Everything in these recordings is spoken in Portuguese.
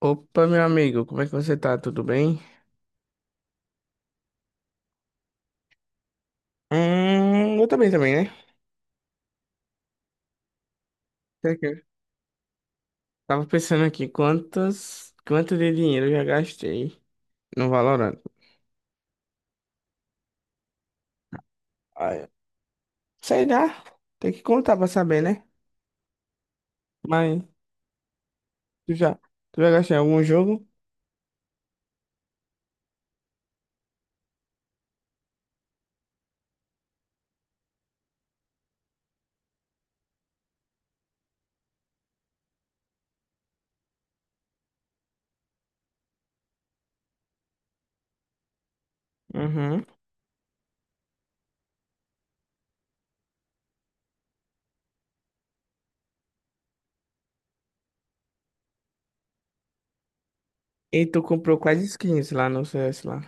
Opa, meu amigo, como é que você tá? Tudo bem? Eu também, né? Sei que- Tava pensando aqui quanto de dinheiro eu já gastei no Valorant. Ah, é. Sei lá, tem que contar pra saber, né? Mas tu já, tu já gastou em algum jogo? Uhum. E tu comprou quais skins lá no CS lá?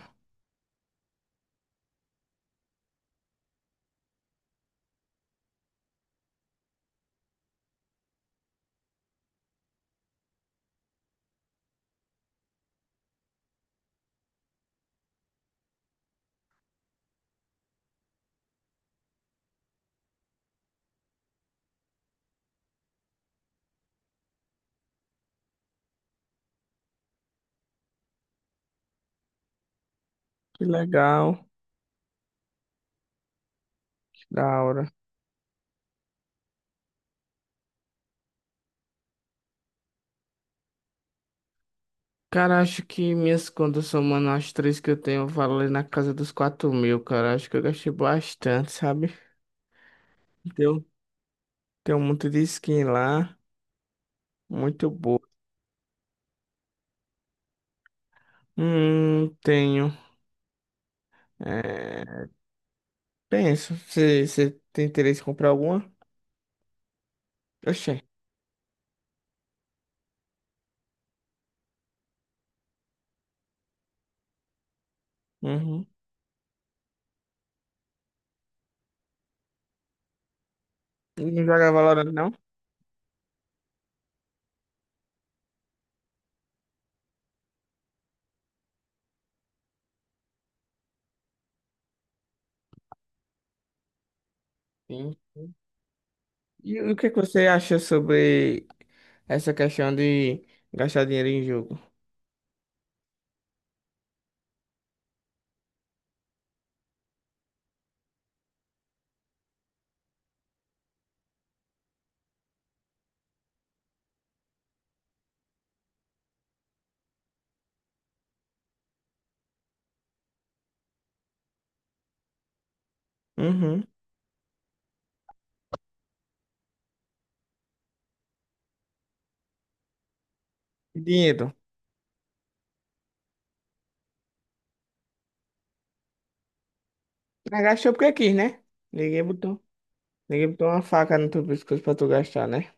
Que legal, que da hora. Cara, acho que minhas contas somando as três que eu tenho, valem na casa dos 4.000, cara. Acho que eu gastei bastante, sabe? Deu Tem um monte de skin lá, muito boa. Tenho. É, penso, você tem interesse em comprar alguma? Oxê. Uhum. Não joga Valorant, não? Sim. E o que é que você acha sobre essa questão de gastar dinheiro em jogo? Uhum. Dinheiro. Mas gastou porque quis, né? Ninguém botou. Ninguém botou uma faca no teu pescoço pra tu gastar, né?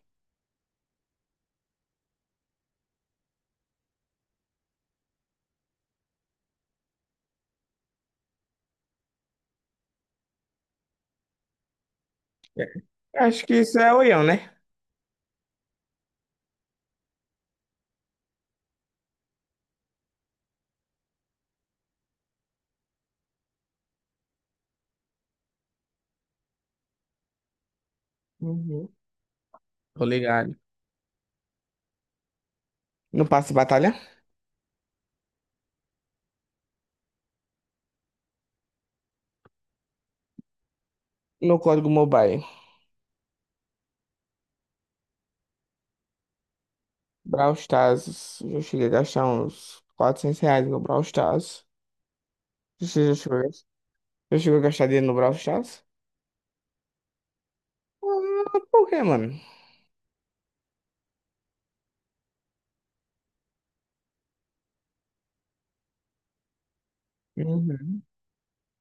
É. Acho que isso é oião, né? Uhum. Tô ligado. No passe de batalha? No código mobile. Brawl Stars, eu cheguei a gastar uns R$ 400 no Brawl Stars. Você já chegou a gastar dinheiro no Brawl Stars? Ah, por quê, mano? Uhum.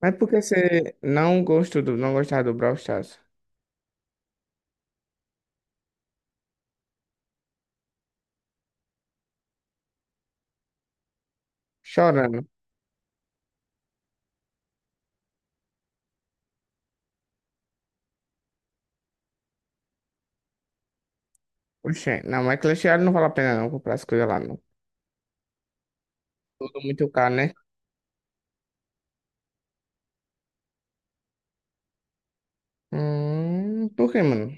Mas por que você não gostava do Brawl Stars? Chorando. Oxê, não, mas Clash Royale não vale a pena não comprar as coisas lá, não. Tudo muito caro, né? Por quê, mano?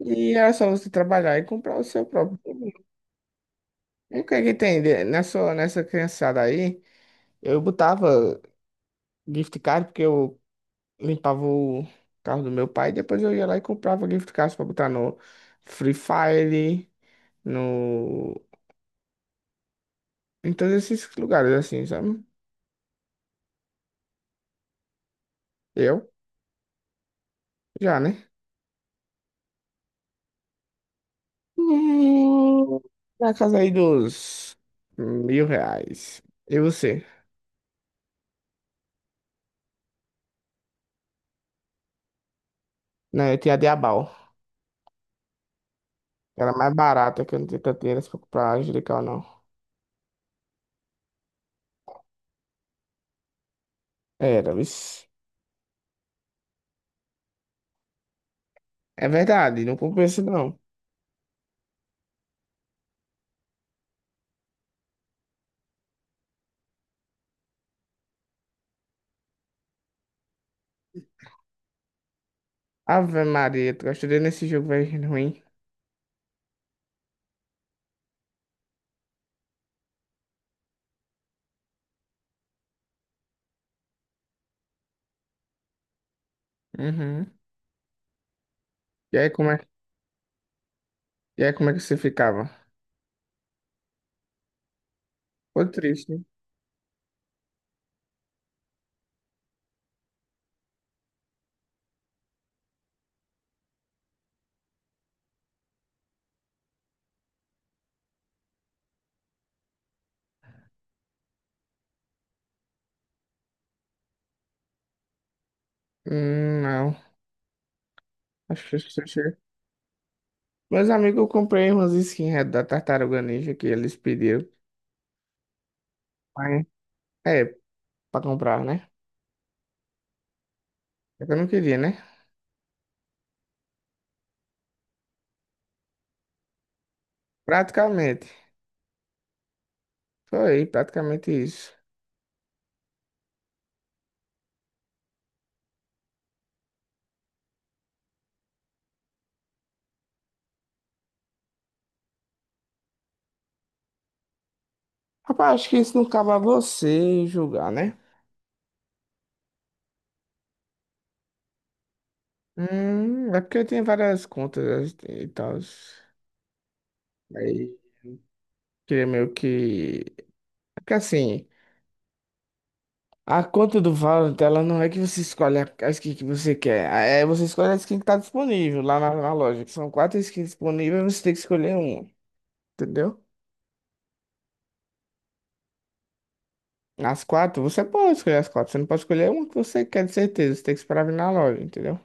E era só você trabalhar e comprar o seu próprio. E o que é que nessa criançada aí? Eu botava gift card porque eu limpava o carro do meu pai, depois eu ia lá e comprava gift cards pra botar no Free Fire, no... em todos esses lugares, assim, sabe? Eu, já, né? Hum, na casa aí dos R$ 1.000. E você? Não, eu tinha a Diabal. Era mais barata, que eu não tinha tanto dinheiro assim pra comprar Angelical, não. Era, isso. É verdade, não compensa, não. Ave Maria, tu gastou dinheiro nesse jogo, velho, ruim. Uhum. E aí, como é, e aí, como é que você ficava? Foi triste. Né? Não. Acho que isso chega. Meus amigos, eu comprei umas skins da Tartaruga Ninja que eles pediram. Mas, é, pra comprar, né? É que eu não queria, né? Praticamente. Foi praticamente isso. Rapaz, acho que isso não cabe a você julgar, né? É porque eu tenho várias contas e tal. Aí, queria meio que. Porque assim. A conta do Valorant, ela não é que você escolhe a skin que você quer. É você escolhe a skin que tá disponível lá na loja. Que são quatro skins disponíveis, você tem que escolher uma. Entendeu? As quatro, você pode escolher as quatro. Você não pode escolher uma que você quer, de certeza. Você tem que esperar vir na loja, entendeu?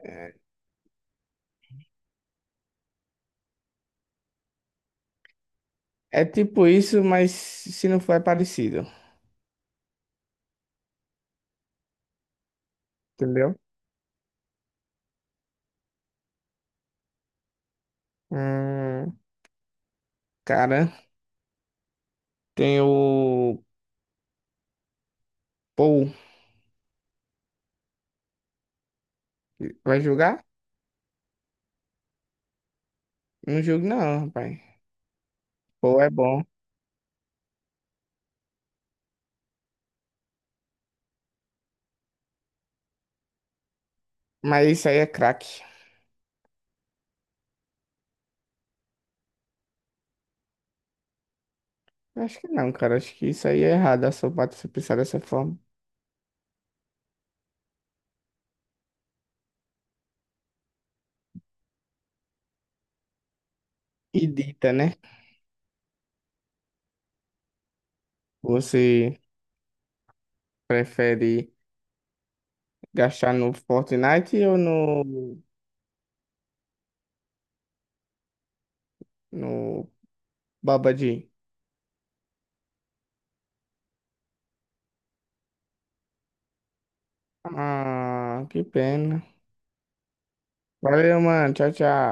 É é tipo isso, mas se não for, é parecido. Entendeu? Hum, cara, tem o Paul. Vai jogar? Não jogo não, rapaz. Paul é bom. Mas isso aí é craque. Acho que não, cara. Acho que isso aí é errado, a sua parte você pensar dessa forma. E dita, né? Você prefere gastar no Fortnite ou no Babadi? Ah, que pena. Valeu, mano. Tchau, tchau.